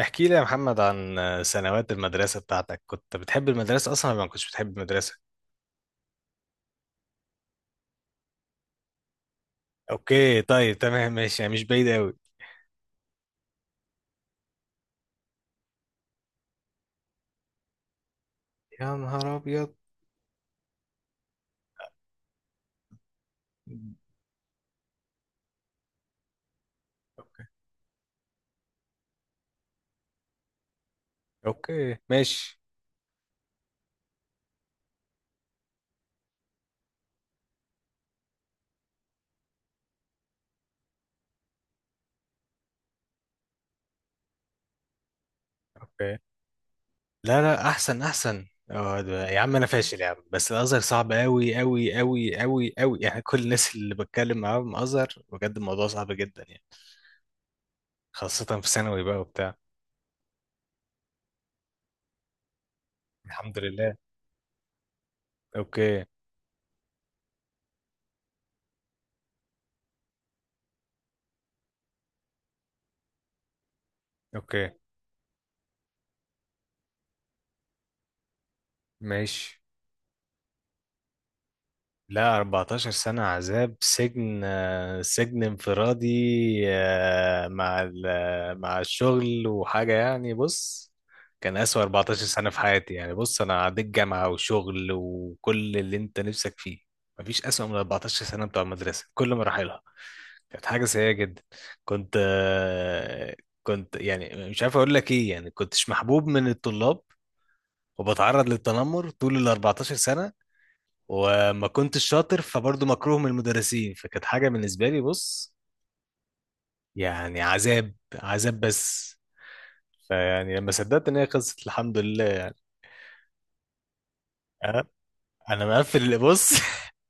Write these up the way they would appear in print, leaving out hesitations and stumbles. احكي لي يا محمد عن سنوات المدرسة بتاعتك، كنت بتحب المدرسة أصلا ولا ما كنتش بتحب المدرسة؟ أوكي طيب تمام ماشي، يعني مش بعيد أوي. يا نهار أبيض. أوكي أوكي ماشي. أوكي. لا لا أحسن أحسن. يا عم أنا فاشل يا عم، بس الأزهر صعب أوي أوي أوي أوي أوي، يعني كل الناس اللي بتكلم معاهم أزهر بجد، الموضوع صعب جدا يعني. خاصة في ثانوي بقى وبتاع. الحمد لله. أوكي أوكي ماشي. لا، 14 سنة عذاب سجن، سجن انفرادي. مع الشغل وحاجة يعني. بص، كان أسوأ 14 سنة في حياتي، يعني بص أنا عديت جامعة وشغل وكل اللي أنت نفسك فيه. مفيش أسوأ من 14 سنة بتوع المدرسة، كل مراحلها كانت حاجة سيئة جدا. كنت آه، كنت يعني مش عارف أقول لك إيه، يعني كنتش محبوب من الطلاب، وبتعرض للتنمر طول ال 14 سنة، وما كنتش شاطر فبرضه مكروه من المدرسين، فكانت حاجة بالنسبة لي بص، يعني عذاب عذاب بس. فيعني لما صدقت ان هي خلصت، الحمد لله. أه؟ انا مقفل اللي بص.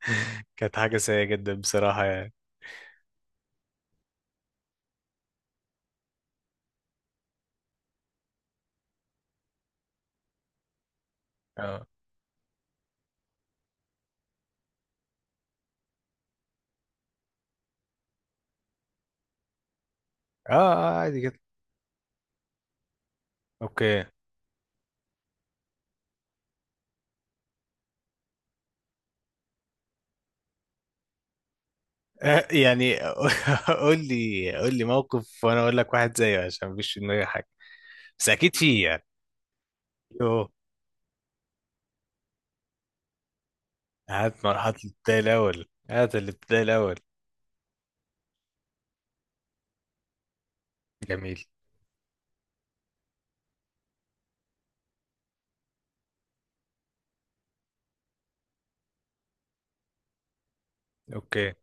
كانت حاجة سيئة جدا بصراحة يعني. اه اه. عادي جدا. اوكي. آه، يعني قول لي قول لي موقف وانا اقول لك واحد زيه، عشان مفيش في دماغي حاجة، بس اكيد فيه يعني. يوه. هات مرحلة الابتدائي الاول، هات الابتدائي الاول. جميل. اوكي.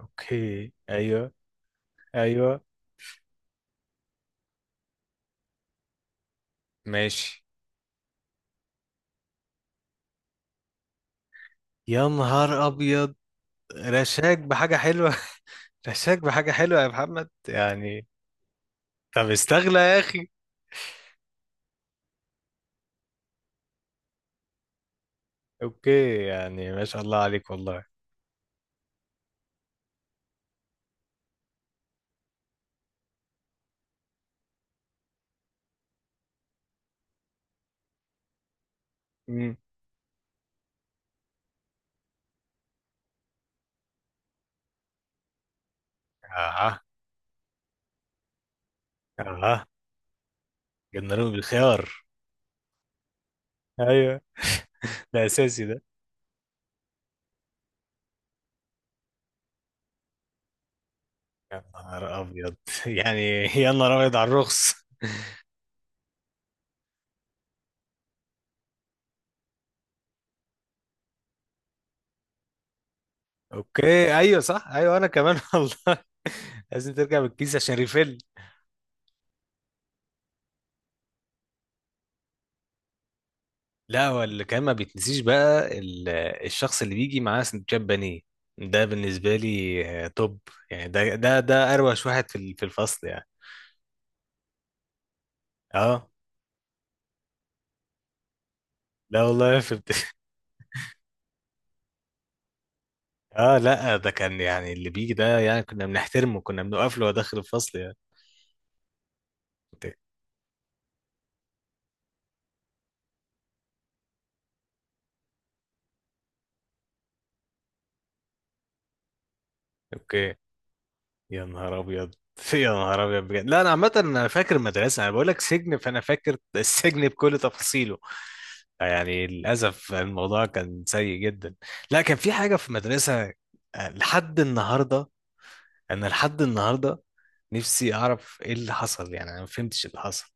اوكي. ايوه ايوه. ماشي. يا نهار ابيض. رشاك بحاجه حلوه. رشاك بحاجه حلوه يا محمد يعني. طب استغلى يا اخي. اوكي، يعني ما شاء الله عليك والله. امم. اها. اها. جنرال بالخيار. ايوه. ده اساسي ده. يا نهار ابيض. يعني يا نهار ابيض على الرخص. اوكي ايوه صح، ايوه انا كمان والله. لازم ترجع بالكيس عشان ريفيل. لا، هو اللي كان ما بيتنسيش بقى الشخص اللي بيجي معاه سندوتشات بانيه. ده بالنسبة لي توب. يعني ده أروش واحد في في الفصل يعني. اه. لا والله في بت... اه لا، ده كان يعني اللي بيجي ده يعني كنا بنحترمه، كنا بنوقف له وهو داخل الفصل يعني. اوكي. أوكي. يا نهار ابيض. يا نهار ابيض بجد. لا انا عامة انا فاكر المدرسة، انا بقول لك سجن، فانا فاكر السجن بكل تفاصيله يعني. للأسف الموضوع كان سيء جدا. لا، كان في حاجة في المدرسة لحد النهاردة، أنا لحد النهاردة نفسي أعرف إيه اللي حصل، يعني أنا ما فهمتش اللي حصل.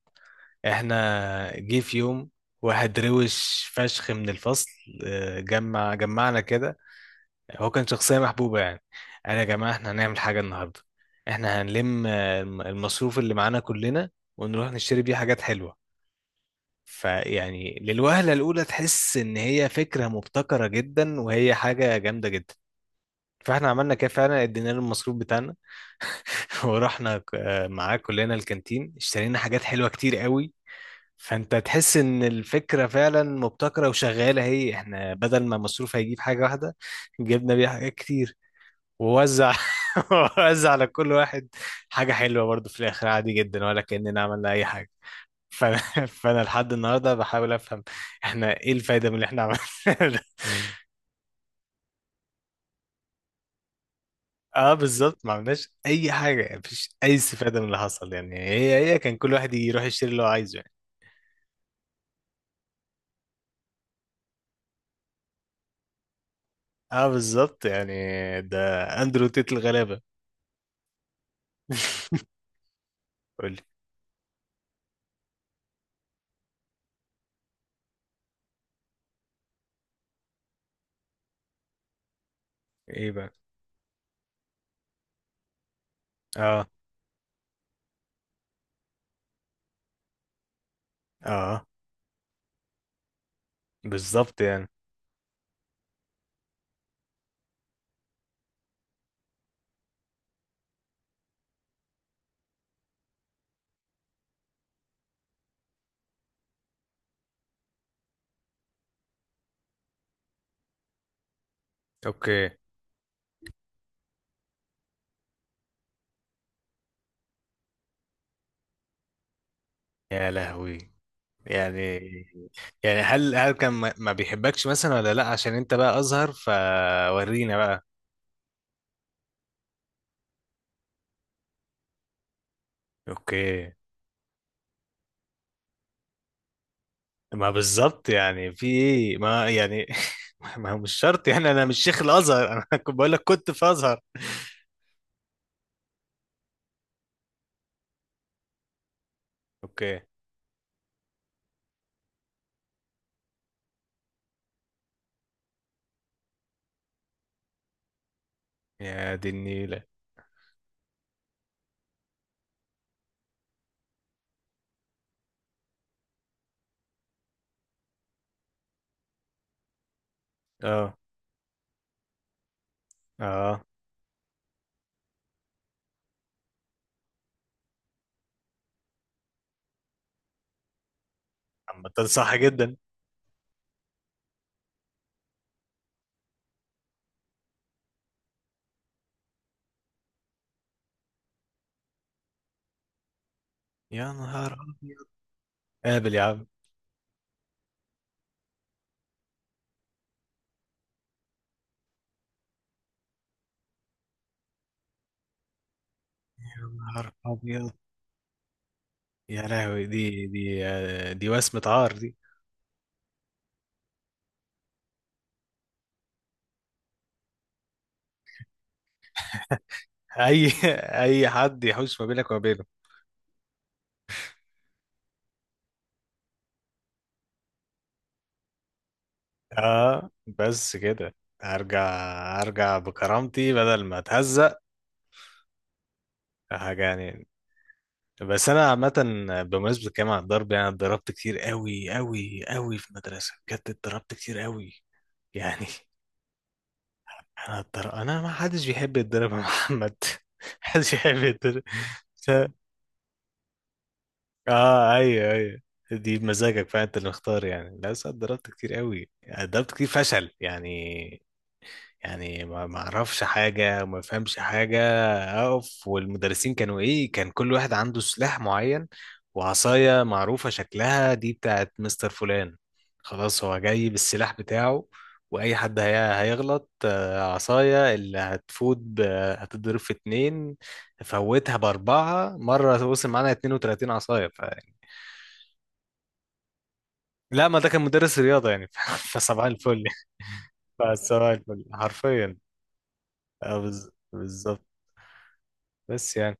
إحنا جه في يوم واحد روش فشخ من الفصل، جمع جمعنا كده. هو كان شخصية محبوبة يعني. قال يا جماعة إحنا هنعمل حاجة النهاردة، إحنا هنلم المصروف اللي معانا كلنا، ونروح نشتري بيه حاجات حلوة. فيعني للوهلة الأولى تحس إن هي فكرة مبتكرة جدا وهي حاجة جامدة جدا. فاحنا عملنا كده فعلا، ادينا له المصروف بتاعنا. ورحنا معاه كلنا الكانتين، اشترينا حاجات حلوة كتير قوي. فانت تحس ان الفكرة فعلا مبتكرة وشغالة، هي احنا بدل ما مصروف هيجيب حاجة واحدة، جبنا بيها حاجات كتير. ووزع ووزع على كل واحد حاجة حلوة، برضو في الآخر عادي جدا، ولا كأننا عملنا أي حاجة. فانا فانا لحد النهارده بحاول افهم، احنا ايه الفايده من اللي احنا عملناه ده؟ مم. اه بالظبط، ما عملناش اي حاجه، مفيش اي استفاده من اللي حصل يعني. هي كان كل واحد يروح يشتري اللي هو عايزه يعني. اه بالظبط يعني، ده اندرو تيت الغلابه. قول لي. ايه بقى. اه اه بالظبط يعني. اوكي. يا لهوي. يعني يعني هل كان ما بيحبكش مثلا، ولا لا عشان انت بقى ازهر فورينا بقى. اوكي. ما بالظبط يعني، في ايه ما يعني ما هو مش شرط يعني، انا مش شيخ الازهر انا كنت بقول لك كنت في ازهر. اوكي. يا دي النيله. اه اه. اما ده صح جدا. يا نهار ابيض. قابل يا عم. يا نهار ابيض. يا لهوي، دي وسمة عار دي. اي اي حد يحوش ما بينك وما بينه. اه بس كده. ارجع. ارجع بكرامتي بدل ما اتهزق. حاجه يعني. بس انا عامه، بمناسبه الكلام عن الضرب، يعني أنا اتضربت كتير قوي قوي قوي في المدرسه بجد، اتضربت كتير قوي يعني. انا اتضرب انا، ما حدش بيحب يتضرب يا محمد. محدش يحب يتضرب. ف... اه ايوه ايوه. دي بمزاجك فانت اللي مختار يعني. لا بس أنا اتضربت كتير قوي، اتضربت كتير فشل يعني. يعني ما اعرفش حاجه وما فهمش حاجه. اقف والمدرسين كانوا ايه، كان كل واحد عنده سلاح معين وعصايه معروفه شكلها، دي بتاعت مستر فلان، خلاص هو جاي بالسلاح بتاعه. واي حد هيغلط عصايه اللي هتضرب في اتنين، فوتها باربعه، مره وصل معانا 32 عصايه يعني. لا ما ده كان مدرس رياضه يعني. فصباح الفل. فصباح الفل حرفيا. بالظبط. بس يعني.